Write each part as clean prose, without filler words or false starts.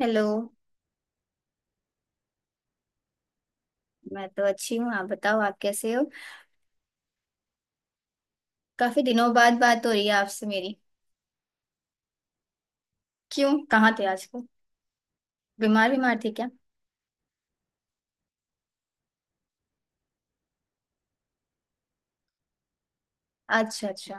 Hello. मैं तो अच्छी हूँ। आप बताओ आप कैसे हो। काफी दिनों बाद बात हो रही है आपसे मेरी। क्यों कहाँ थे आजकल। बीमार बीमार थे क्या। अच्छा अच्छा।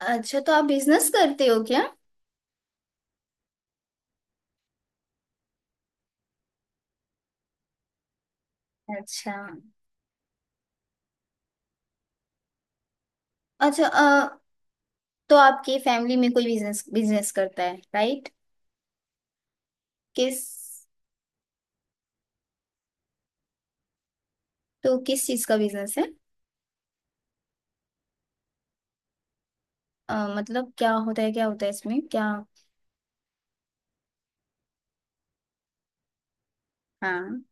अच्छा तो आप बिजनेस करते हो क्या। अच्छा अच्छा। तो आपकी फैमिली में कोई बिजनेस बिजनेस करता है राइट। किस। तो किस चीज का बिजनेस है। मतलब क्या होता है इसमें क्या। हाँ।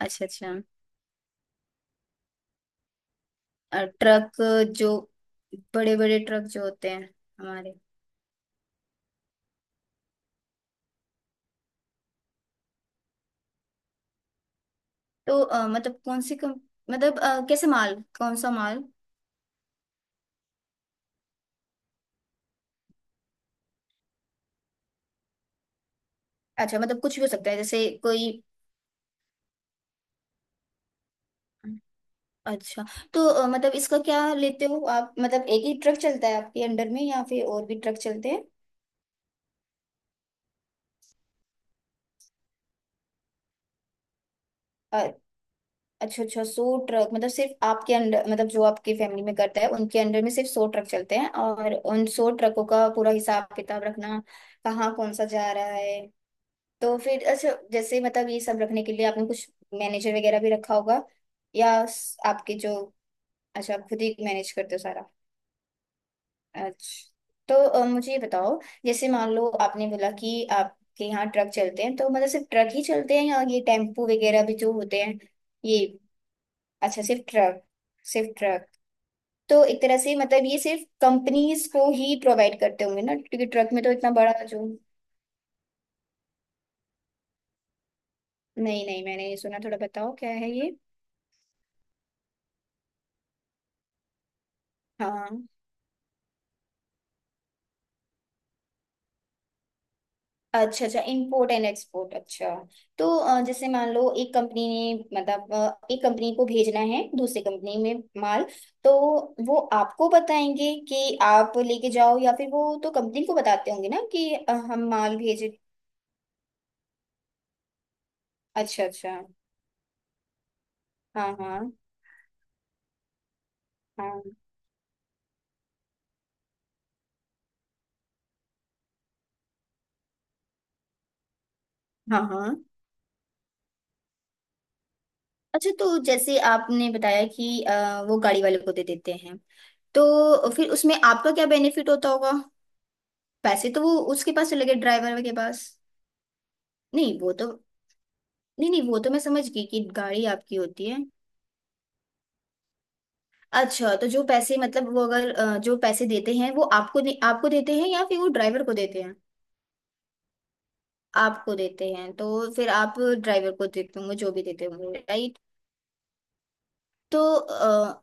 अच्छा अच्छा। ट्रक। जो बड़े बड़े ट्रक जो होते हैं। हमारे। तो मतलब कौन सी मतलब कैसे माल कौन सा माल। अच्छा मतलब कुछ भी हो सकता है जैसे कोई। अच्छा तो मतलब इसका क्या लेते हो आप मतलब एक ही ट्रक चलता है आपके अंडर में या फिर और भी ट्रक चलते हैं। अ, अच्छा अच्छा सौ ट्रक मतलब सिर्फ आपके अंडर मतलब जो आपकी फैमिली में करता है उनके अंडर में सिर्फ 100 ट्रक चलते हैं और उन 100 ट्रकों का पूरा हिसाब किताब रखना। कहाँ कौन सा जा रहा है। तो फिर अच्छा जैसे मतलब ये सब रखने के लिए आपने कुछ मैनेजर वगैरह भी रखा होगा या आपके जो। अच्छा आप खुद ही मैनेज करते हो सारा। अच्छा तो मुझे ये बताओ जैसे मान लो आपने बोला कि आपके यहाँ ट्रक चलते हैं तो मतलब सिर्फ ट्रक ही चलते हैं या ये टेम्पो वगैरह भी जो होते हैं। ये। अच्छा सिर्फ ट्रक सिर्फ ट्रक। तो एक तरह से मतलब ये सिर्फ कंपनीज को ही प्रोवाइड करते होंगे ना क्योंकि ट्रक में तो इतना बड़ा जो। नहीं नहीं मैंने ये सुना थोड़ा बताओ क्या है ये। हाँ। अच्छा अच्छा इंपोर्ट एंड एक्सपोर्ट अच्छा। तो जैसे मान लो एक कंपनी ने मतलब एक कंपनी को भेजना है दूसरी कंपनी में माल। तो वो आपको बताएंगे कि आप लेके जाओ या फिर वो तो कंपनी को बताते होंगे ना कि हम माल भेजे। अच्छा अच्छा। हाँ हाँ। हाँ हाँ हाँ। अच्छा तो जैसे आपने बताया कि वो गाड़ी वाले को दे देते हैं तो फिर उसमें आपका क्या बेनिफिट होता होगा। पैसे तो वो उसके पास चले गए ड्राइवर के पास। नहीं वो तो। नहीं नहीं वो तो मैं समझ गई कि गाड़ी आपकी होती है। अच्छा तो जो पैसे मतलब वो अगर जो पैसे देते हैं वो आपको आपको देते हैं या फिर वो ड्राइवर को देते हैं। आपको देते हैं तो फिर आप ड्राइवर को देते होंगे जो भी देते होंगे राइट। तो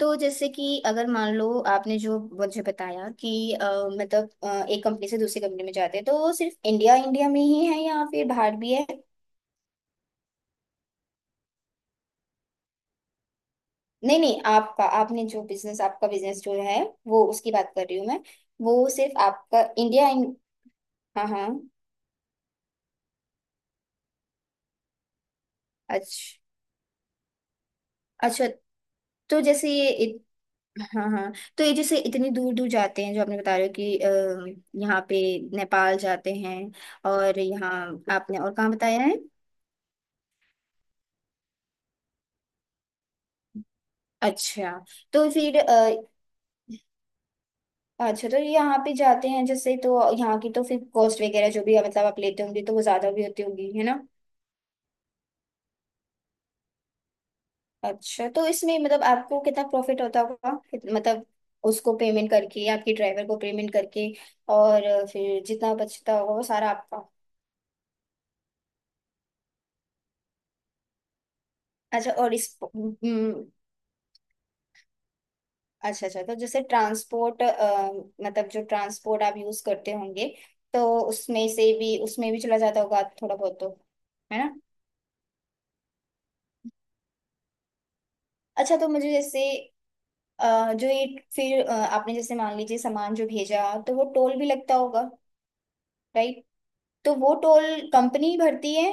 तो जैसे कि अगर मान लो आपने जो मुझे बताया कि मतलब एक कंपनी से दूसरी कंपनी में जाते हैं तो वो सिर्फ इंडिया इंडिया में ही है या फिर बाहर भी है। नहीं नहीं आपका आपने जो बिजनेस आपका बिजनेस जो है वो उसकी बात कर रही हूँ मैं। वो सिर्फ आपका इंडिया। हाँ हाँ। अच्छा अच्छा तो जैसे ये हाँ हाँ। तो ये जैसे इतनी दूर दूर जाते हैं जो आपने बता रहे हो कि यहाँ पे नेपाल जाते हैं। और यहाँ आपने और कहाँ बताया है। अच्छा तो फिर अच्छा तो यहाँ पे जाते हैं जैसे तो यहाँ की तो फिर कॉस्ट वगैरह जो भी है मतलब आप लेते होंगे तो वो ज्यादा भी होती होगी है ना। अच्छा तो इसमें मतलब आपको कितना प्रॉफिट होता होगा मतलब उसको पेमेंट करके आपके ड्राइवर को पेमेंट करके और फिर जितना बचता होगा वो सारा आपका। अच्छा और इस अच्छा अच्छा तो जैसे ट्रांसपोर्ट मतलब जो ट्रांसपोर्ट आप यूज करते होंगे तो उसमें से भी उसमें भी चला जाता होगा थोड़ा बहुत तो है ना। अच्छा तो मुझे जैसे जो ये फिर आपने जैसे मान लीजिए सामान जो भेजा तो वो टोल भी लगता होगा राइट। तो वो टोल कंपनी भरती है।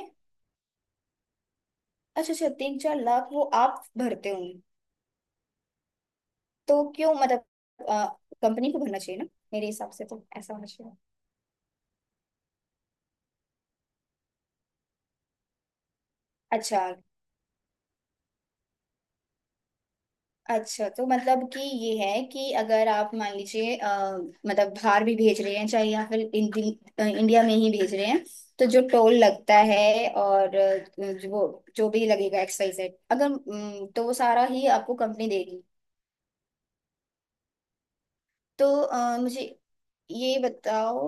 अच्छा अच्छा 3-4 लाख वो आप भरते होंगे। तो क्यों मतलब आ, कंपनी को भरना चाहिए ना मेरे हिसाब से तो ऐसा होना चाहिए। अच्छा अच्छा तो मतलब कि ये है कि अगर आप मान लीजिए मतलब बाहर भी भेज रहे हैं चाहे या फिर इंडिया में ही भेज रहे हैं तो जो टोल लगता है और जो वो जो भी लगेगा एक्सवाइज अगर तो वो सारा ही आपको कंपनी देगी। तो मुझे ये बताओ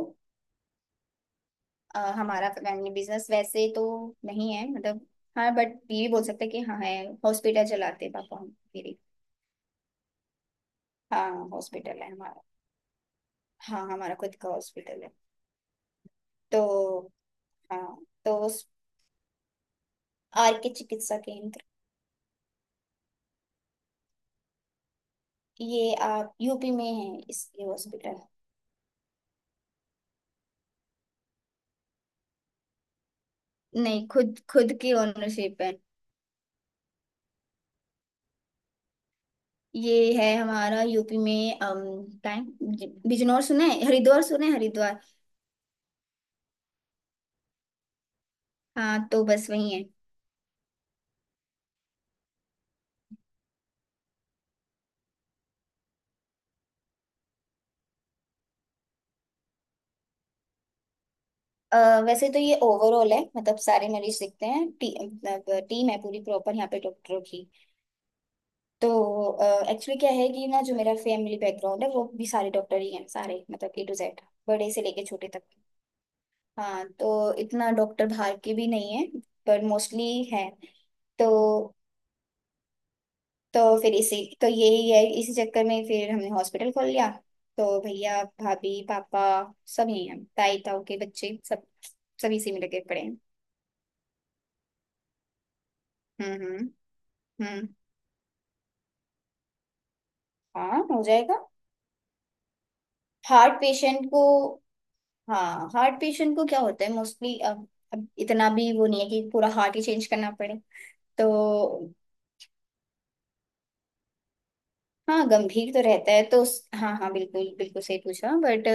हमारा फैमिली बिजनेस वैसे तो नहीं है मतलब हाँ बट ये भी बोल सकते हैं कि हाँ है। हॉस्पिटल चलाते हैं पापा हम मेरे। हाँ हॉस्पिटल है हमारा। हाँ हमारा खुद का हॉस्पिटल है। तो हाँ तो आर के चिकित्सा केंद्र। ये आप यूपी में है इसके हॉस्पिटल। नहीं खुद खुद की ओनरशिप है। ये है हमारा यूपी में क्या है? बिजनौर सुने हैं? हरिद्वार सुने हैं? हरिद्वार। हाँ तो बस वही है। अ, वैसे तो ये ओवरऑल है मतलब सारे मरीज दिखते हैं मतलब टीम है पूरी प्रॉपर यहाँ पे डॉक्टरों की। तो एक्चुअली क्या है कि ना जो मेरा फैमिली बैकग्राउंड है वो भी सारे डॉक्टर ही हैं सारे मतलब ए टू जेड बड़े से लेके छोटे तक। हाँ तो इतना डॉक्टर बाहर के भी नहीं है पर मोस्टली है। तो तो फिर इसी तो यही है इसी चक्कर में फिर हमने हॉस्पिटल खोल लिया। तो भैया भाभी पापा सब यही हैं ताई ताऊ के बच्चे सब सब इसी में लगे पड़े हैं। हम्म। हम्म। हाँ हो जाएगा। हार्ट पेशेंट को हाँ हार्ट पेशेंट को क्या होता है मोस्टली अब इतना भी वो नहीं है कि पूरा हार्ट ही चेंज करना पड़े। तो हाँ गंभीर तो रहता है तो हाँ हाँ बिल्कुल बिल्कुल सही पूछा बट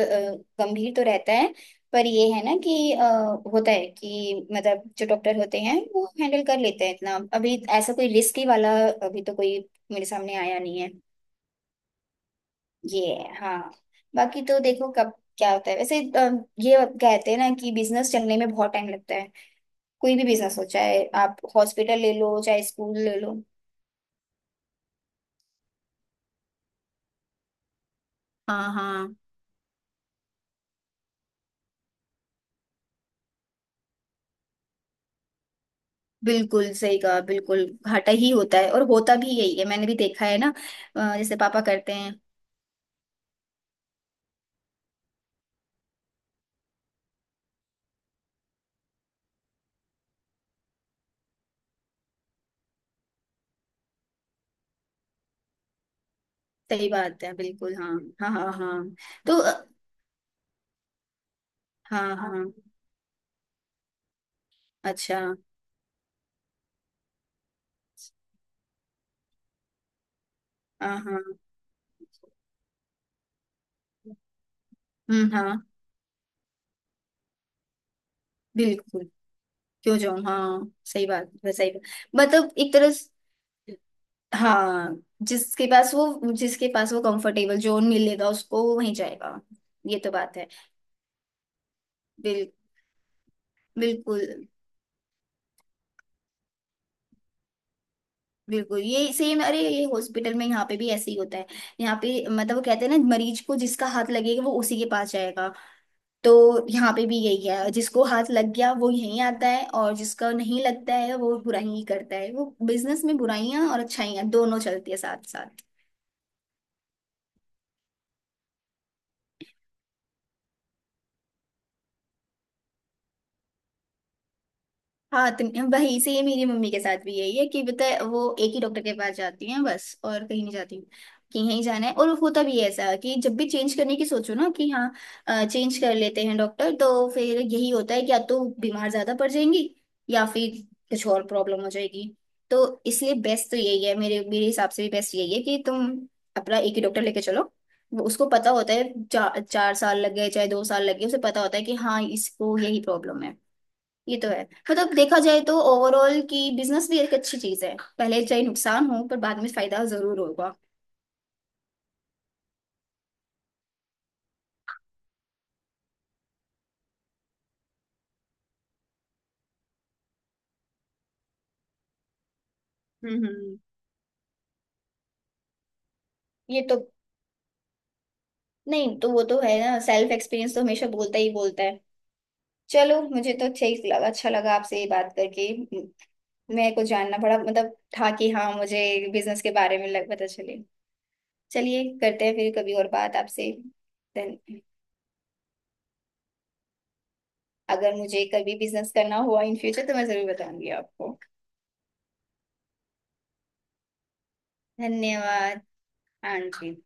गंभीर तो रहता है। पर ये है ना कि होता है कि मतलब जो डॉक्टर होते हैं वो हैंडल कर लेते हैं इतना अभी ऐसा कोई रिस्की वाला अभी तो कोई मेरे सामने आया नहीं है। ये है, हाँ। बाकी तो देखो कब क्या होता है वैसे ये कहते हैं ना कि बिजनेस चलने में बहुत टाइम लगता है कोई भी बिजनेस हो चाहे आप हॉस्पिटल ले लो चाहे स्कूल ले लो। हाँ हाँ। बिल्कुल सही कहा बिल्कुल घाटा ही होता है और होता भी यही है मैंने भी देखा है ना। जैसे पापा करते हैं। सही बात है बिल्कुल हाँ। हाँ हाँ हाँ। तो हाँ हाँ अच्छा। हाँ हाँ। हम्म। हाँ बिल्कुल। क्यों जाऊँ हाँ सही बात है सही बात। मतलब एक तरह से हाँ जिसके पास वो कंफर्टेबल जोन मिलेगा उसको वो वहीं जाएगा। ये तो बात है। बिल बिल्कुल बिल्कुल ये सेम अरे ये हॉस्पिटल में यहाँ पे भी ऐसे ही होता है। यहाँ पे मतलब वो कहते हैं ना मरीज को जिसका हाथ लगेगा वो उसी के पास जाएगा। तो यहाँ पे भी यही है जिसको हाथ लग गया वो यहीं आता है और जिसका नहीं लगता है वो बुराई ही करता है वो बिजनेस में बुराइयां और अच्छाइयां दोनों चलती है साथ साथ। हाँ तो वही से ये मेरी मम्मी के साथ भी यही है कि पता है वो एक ही डॉक्टर के पास जाती हैं बस और कहीं नहीं जाती। कि यहीं जाना है और होता भी है ऐसा कि जब भी चेंज करने की सोचो ना कि हाँ चेंज कर लेते हैं डॉक्टर तो फिर यही होता है कि या तो बीमार ज्यादा पड़ जाएंगी या फिर कुछ और प्रॉब्लम हो जाएगी। तो इसलिए बेस्ट तो यही है मेरे मेरे हिसाब से भी बेस्ट यही है कि तुम अपना एक ही डॉक्टर लेके चलो। उसको पता होता है चार चार साल लग गए चाहे 2 साल लग गए उसे पता होता है कि हाँ इसको यही प्रॉब्लम है। ये तो है। मतलब देखा जाए तो ओवरऑल की बिजनेस भी एक अच्छी चीज है पहले चाहे नुकसान हो पर बाद में फायदा जरूर होगा। हम्म। ये तो नहीं तो वो तो है ना सेल्फ एक्सपीरियंस तो हमेशा बोलता ही बोलता है। चलो मुझे तो अच्छा ही लगा अच्छा लगा आपसे ये बात करके। मेरे को जानना पड़ा मतलब था कि हाँ मुझे बिजनेस के बारे में लग पता चले। चलिए करते हैं फिर कभी और बात आपसे। Then, अगर मुझे कभी बिजनेस करना हुआ इन फ्यूचर तो मैं जरूर बताऊंगी आपको। धन्यवाद। हाँ जी।